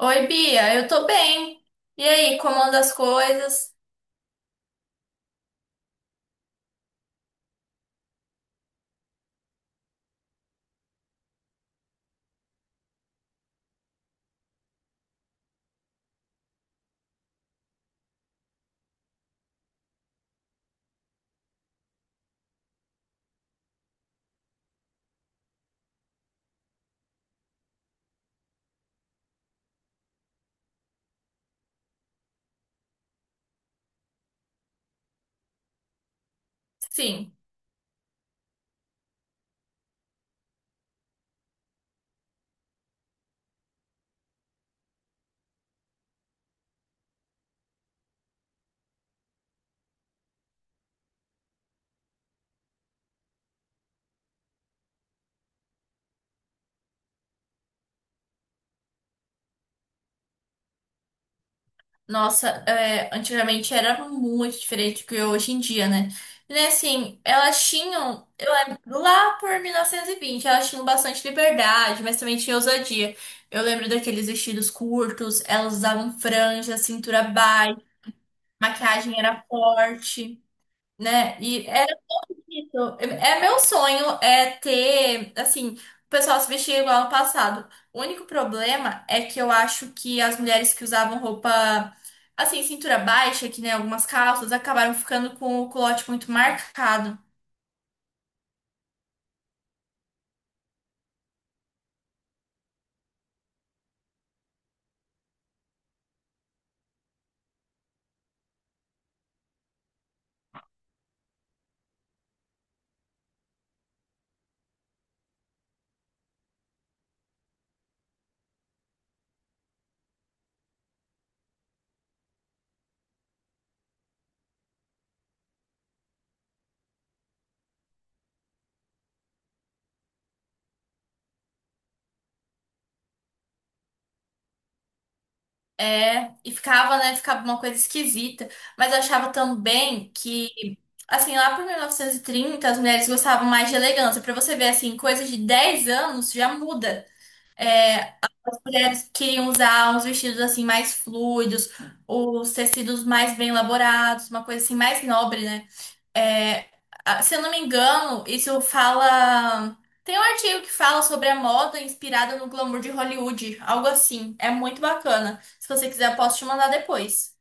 Oi, Bia, eu tô bem. E aí, como anda as coisas? Sim, nossa, é, antigamente era muito diferente do que é hoje em dia, né? E né, assim, eu lembro, lá por 1920, elas tinham bastante liberdade, mas também tinha ousadia. Eu lembro daqueles vestidos curtos, elas usavam franja, cintura baixa, maquiagem era forte, né? Isso. Meu sonho é ter, assim, o pessoal se vestir igual no passado. O único problema é que eu acho que as mulheres que usavam roupa, assim, cintura baixa, que nem algumas calças, acabaram ficando com o culote muito marcado. É, e ficava, né, ficava uma coisa esquisita. Mas eu achava também que, assim, lá por 1930, as mulheres gostavam mais de elegância. Pra você ver, assim, coisa de 10 anos já muda. Mulheres queriam usar uns vestidos assim mais fluidos, os tecidos mais bem elaborados, uma coisa assim mais nobre, né? É, Se eu não me engano, isso fala. Tem um artigo que fala sobre a moda inspirada no glamour de Hollywood, algo assim. É muito bacana. Se você quiser, eu posso te mandar depois.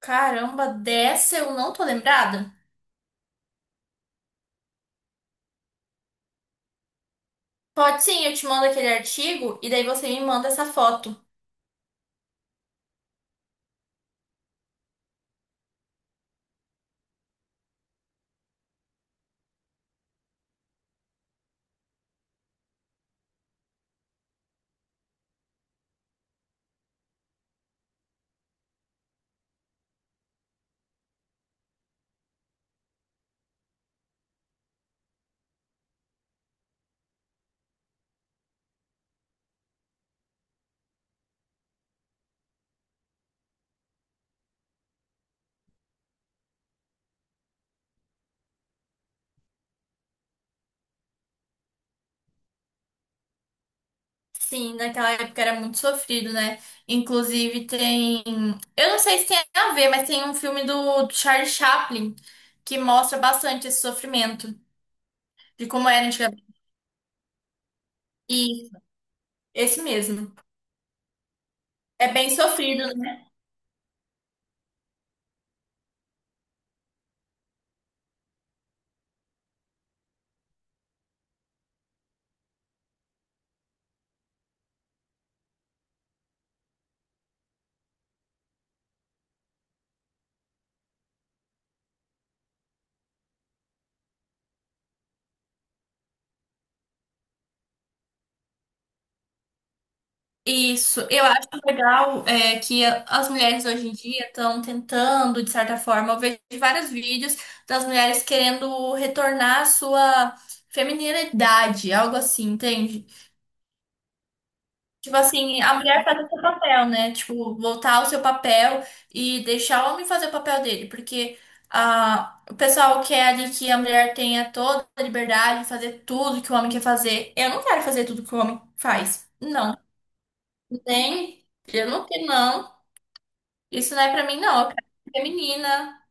Caramba, dessa eu não tô lembrada? Pode sim, eu te mando aquele artigo e daí você me manda essa foto. Sim, naquela época era muito sofrido, né? Inclusive tem. Eu não sei se tem a ver, mas tem um filme do Charlie Chaplin que mostra bastante esse sofrimento, de como era antigamente. E Esse mesmo. É bem sofrido, né? Isso. Eu acho legal é, que as mulheres hoje em dia estão tentando, de certa forma. Eu vejo vários vídeos das mulheres querendo retornar à sua feminilidade, algo assim, entende? Tipo assim, a mulher faz o seu papel, né? Tipo, voltar ao seu papel e deixar o homem fazer o papel dele, porque ah, o pessoal quer ali que a mulher tenha toda a liberdade de fazer tudo que o homem quer fazer. Eu não quero fazer tudo que o homem faz. Não. Nem. Eu não quero, não. Isso não é pra mim, não. Eu quero ser menina.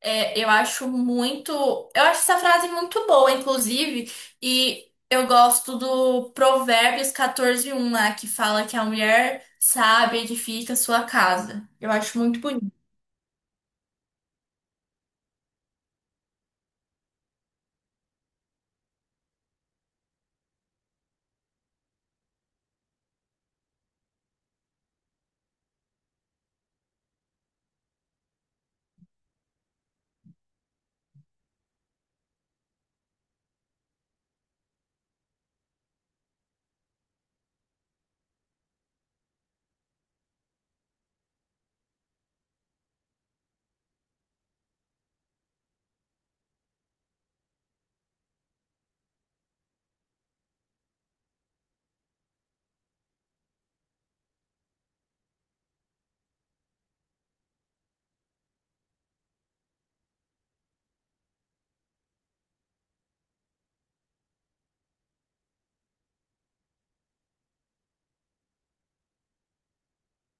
É, eu acho muito. Eu acho essa frase muito boa, inclusive, e eu gosto do Provérbios 14:1 lá, que fala que a mulher sábia edifica sua casa. Eu acho muito bonito.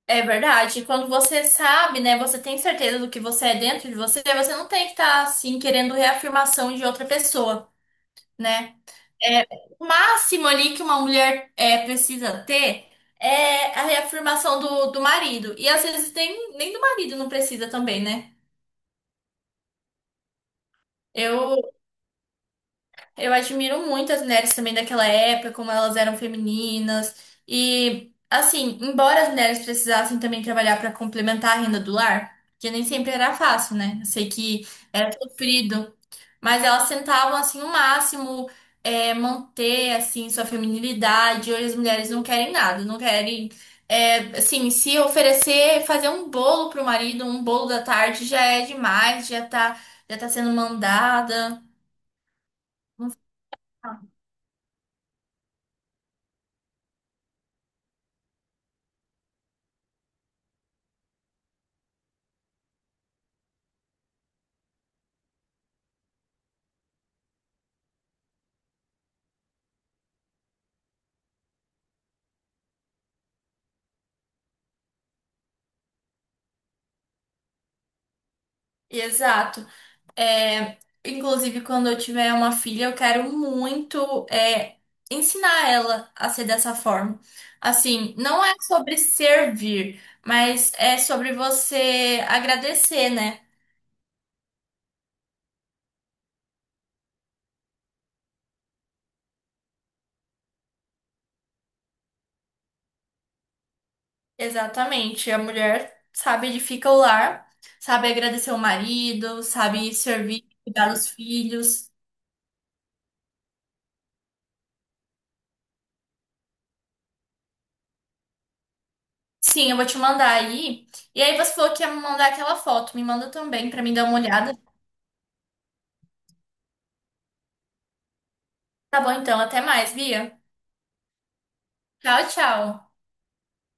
É verdade. E quando você sabe, né, você tem certeza do que você é dentro de você, você não tem que estar assim querendo reafirmação de outra pessoa, né? É, o máximo ali que uma mulher é, precisa ter é a reafirmação do marido. E às vezes nem do marido não precisa também, né? Eu, eu admiro muito as mulheres também daquela época, como elas eram femininas. E, assim, embora as mulheres precisassem também trabalhar para complementar a renda do lar, que nem sempre era fácil, né? Eu sei que era sofrido. Mas elas tentavam, assim, o máximo manter, assim, sua feminilidade. Hoje as mulheres não querem nada, não querem, assim, se oferecer, fazer um bolo pro marido, um bolo da tarde já é demais, já tá sendo mandada. Não- Exato. É, Inclusive, quando eu tiver uma filha, eu quero muito ensinar ela a ser dessa forma. Assim, não é sobre servir, mas é sobre você agradecer, né? Exatamente. A mulher sabe edificar o lar, sabe agradecer o marido, sabe servir, cuidar dos filhos. Sim, eu vou te mandar aí. E aí você falou que ia me mandar aquela foto. Me manda também pra mim dar uma olhada. Tá bom, então. Até mais, Bia. Tchau, tchau.